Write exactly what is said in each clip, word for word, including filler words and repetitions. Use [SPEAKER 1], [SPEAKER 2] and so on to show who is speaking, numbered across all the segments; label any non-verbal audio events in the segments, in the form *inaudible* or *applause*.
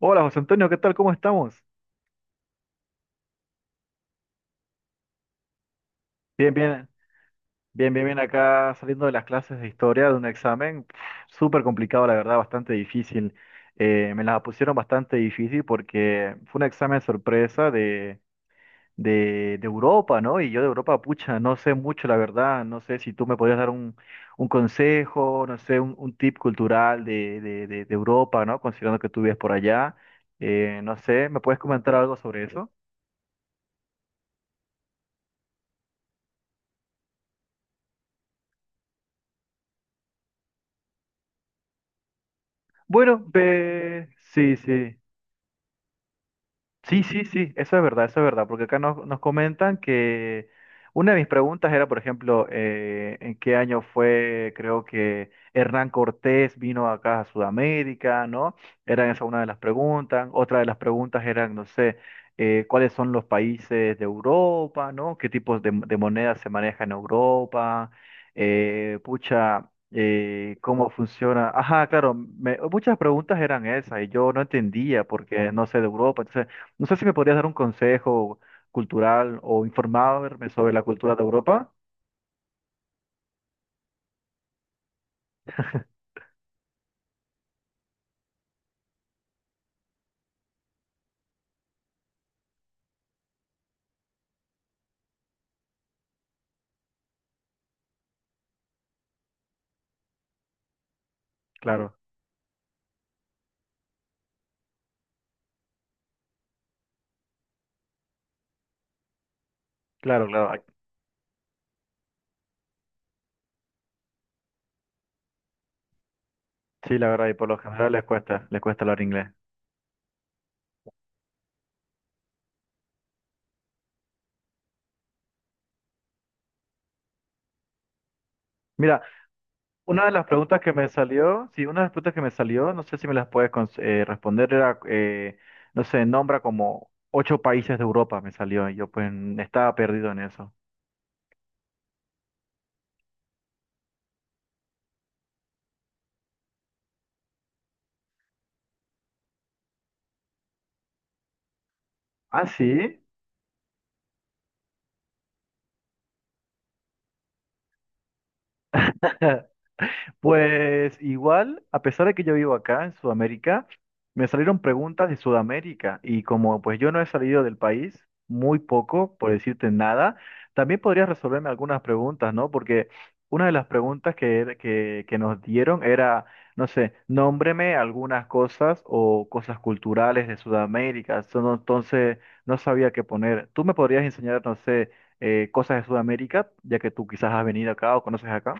[SPEAKER 1] Hola José Antonio, ¿qué tal? ¿Cómo estamos? Bien, bien, bien, bien, bien acá saliendo de las clases de historia de un examen pf, súper complicado, la verdad, bastante difícil. Eh, me la pusieron bastante difícil porque fue un examen sorpresa de, de, de Europa, ¿no? Y yo de Europa, pucha, no sé mucho, la verdad, no sé si tú me podías dar un, un consejo, no sé, un, un tip cultural de, de, de, de Europa, ¿no? Considerando que tú vives por allá. Eh, no sé, ¿me puedes comentar algo sobre eso? Bueno, ve- sí, sí. Sí, sí, sí, eso es verdad, eso es verdad, porque acá nos, nos comentan que una de mis preguntas era, por ejemplo, eh, en qué año fue, creo que Hernán Cortés vino acá a Sudamérica, ¿no? Era esa una de las preguntas. Otra de las preguntas eran, no sé, eh, cuáles son los países de Europa, ¿no? ¿Qué tipos de, de monedas se manejan en Europa? Eh, pucha, eh, cómo funciona. Ajá, claro, me- muchas preguntas eran esas y yo no entendía porque no sé de Europa. Entonces, no sé si me podrías dar un consejo cultural o informarme sobre la cultura de Europa. *laughs* Claro, claro, claro. Ay, sí, la verdad, y por lo general les cuesta, les cuesta hablar inglés. Mira, una de las preguntas que me salió, sí, una de las preguntas que me salió, no sé si me las puedes cons- eh, responder, era, eh, no sé, nombra como ocho países de Europa, me salió, y yo pues estaba perdido en eso. Ah, sí. *laughs* Pues igual, a pesar de que yo vivo acá en Sudamérica, me salieron preguntas de Sudamérica y como pues yo no he salido del país, muy poco, por decirte nada, también podrías resolverme algunas preguntas, ¿no? Porque una de las preguntas que, era- que, que nos dieron era, no sé, nómbreme algunas cosas o cosas culturales de Sudamérica. So, no- Entonces, no sabía qué poner. ¿Tú me podrías enseñar, no sé, eh, cosas de Sudamérica, ya que tú quizás has venido acá o conoces acá?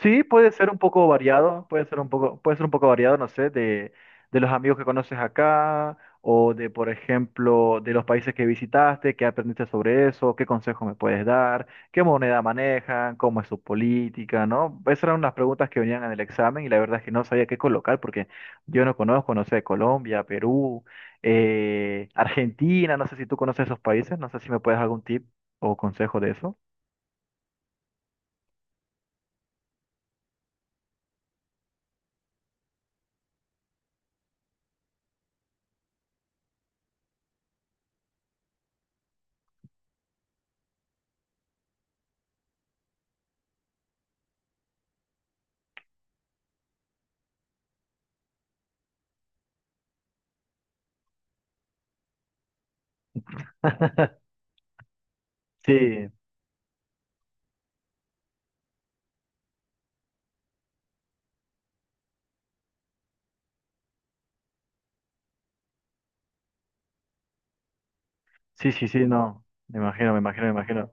[SPEAKER 1] Sí, puede ser un poco variado, puede ser un poco, puede ser un poco variado, no sé, de, de los amigos que conoces acá, o de, por ejemplo, de los países que visitaste, qué aprendiste sobre eso, qué consejo me puedes dar, qué moneda manejan, cómo es su política, ¿no? Esas eran las preguntas que venían en el examen y la verdad es que no sabía qué colocar porque yo no conozco, no sé, Colombia, Perú, eh, Argentina, no sé si tú conoces esos países, no sé si me puedes dar algún tip o consejo de eso. *laughs* Sí, sí, sí, sí, no. Me imagino, me imagino, me imagino.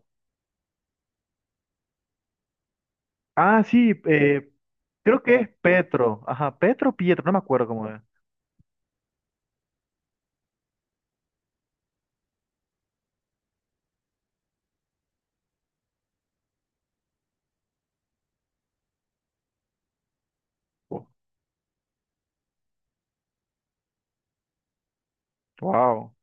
[SPEAKER 1] Ah, sí, eh, creo que es Petro. Ajá, Petro o Pietro, no me acuerdo cómo es. Wow.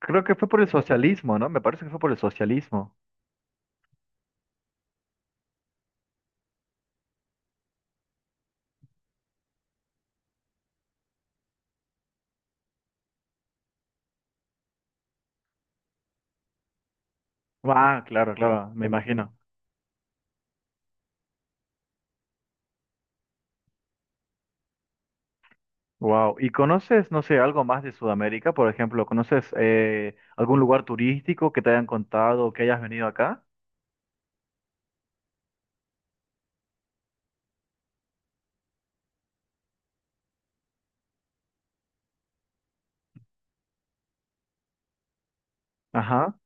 [SPEAKER 1] Creo que fue por el socialismo, ¿no? Me parece que fue por el socialismo. Ah, claro, claro, me imagino. Wow. ¿Y conoces, no sé, algo más de Sudamérica? Por ejemplo, ¿conoces eh, algún lugar turístico que te hayan contado que hayas venido acá? Ajá.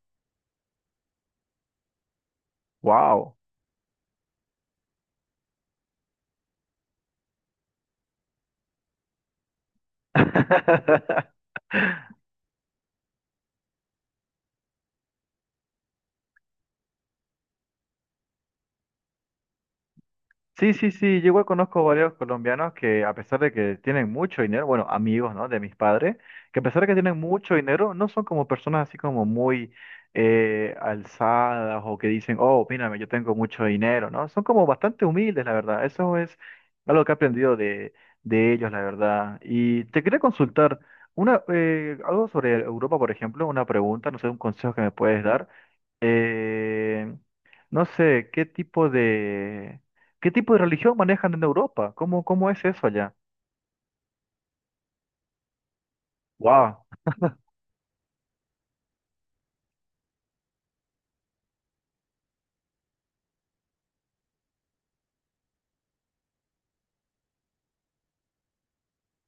[SPEAKER 1] Wow. *laughs* Sí, sí, sí, yo igual conozco varios colombianos que a pesar de que tienen mucho dinero, bueno, amigos, ¿no? De mis padres, que a pesar de que tienen mucho dinero, no son como personas así como muy eh, alzadas o que dicen, oh, mírame, yo tengo mucho dinero, ¿no? Son como bastante humildes, la verdad. Eso es algo que he aprendido de, de ellos, la verdad. Y te quería consultar una, eh, algo sobre Europa, por ejemplo, una pregunta, no sé, un consejo que me puedes dar, eh, no sé, ¿qué tipo de ¿qué tipo de religión manejan en Europa? ¿Cómo, cómo es eso allá? Wow,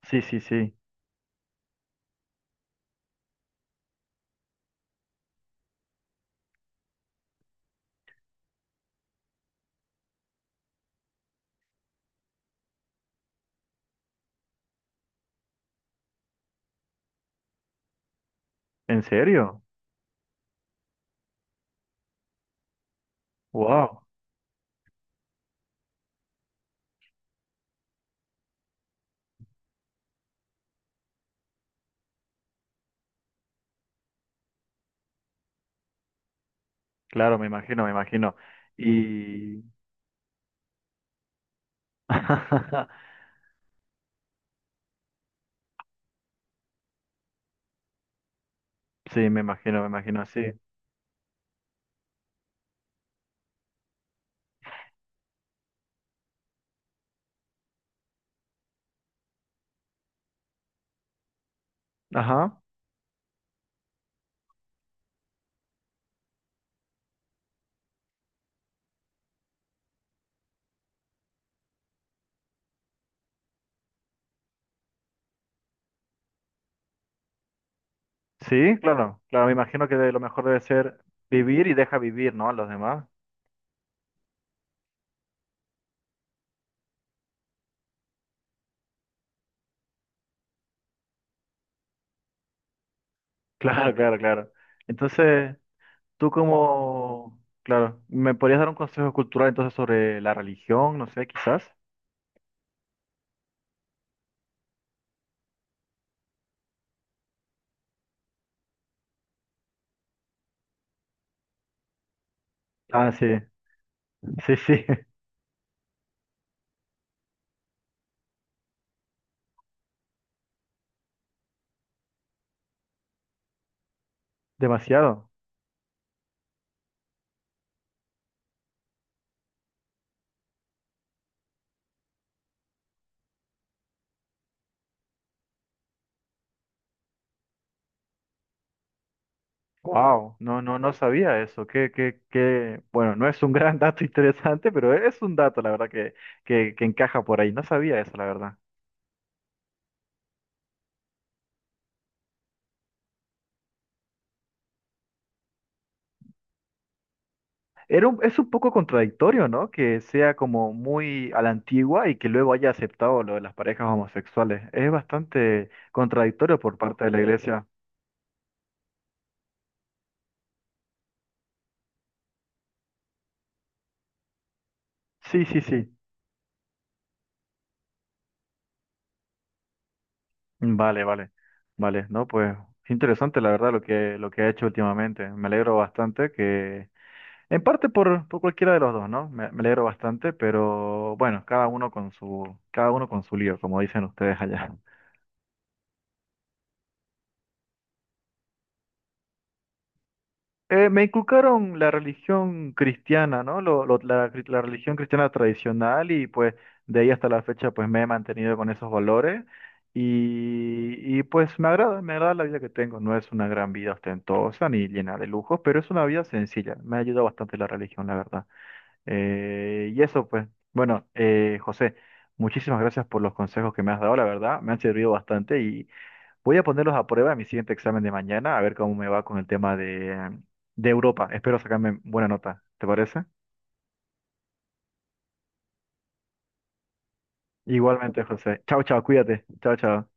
[SPEAKER 1] sí, sí, sí. ¿En serio? Wow, claro, me imagino, me imagino. Y *laughs* sí, me imagino, me imagino, sí. Ajá. Sí, claro, claro, me imagino que de lo mejor debe ser vivir y deja vivir, ¿no? A los demás. *laughs* Claro, claro, claro. Entonces, tú como, claro, ¿me podrías dar un consejo cultural entonces sobre la religión? No sé, quizás. Ah, sí, sí, sí, *laughs* demasiado. Wow, no, no, no sabía eso. Que, que, que, bueno, no es un gran *laughs* dato interesante, pero es un dato, la verdad, que, que, que encaja por ahí. No sabía eso, la verdad. Era un- es un poco contradictorio, ¿no? Que sea como muy a la antigua y que luego haya aceptado lo de las parejas homosexuales. Es bastante contradictorio por parte de la iglesia. Sí, sí, sí. Vale, vale. Vale, no, pues interesante la verdad lo que lo que ha hecho últimamente. Me alegro bastante que en parte por, por cualquiera de los dos, ¿no? Me, me alegro bastante, pero bueno, cada uno con su, cada uno con su lío, como dicen ustedes allá. *laughs* Eh, me inculcaron la religión cristiana, ¿no? Lo- lo- la, cri- la religión cristiana tradicional y pues de ahí hasta la fecha pues me he mantenido con esos valores y, y pues me agrada, me agrada la vida que tengo. No es una gran vida ostentosa ni llena de lujos, pero es una vida sencilla. Me ha ayudado bastante la religión, la verdad. Eh, y eso, pues. Bueno, eh, José, muchísimas gracias por los consejos que me has dado, la verdad, me han servido bastante y voy a ponerlos a prueba en mi siguiente examen de mañana, a ver cómo me va con el tema de, de Europa. Espero sacarme buena nota, ¿te parece? Igualmente, José. Chao, chao, cuídate. Chao, chao.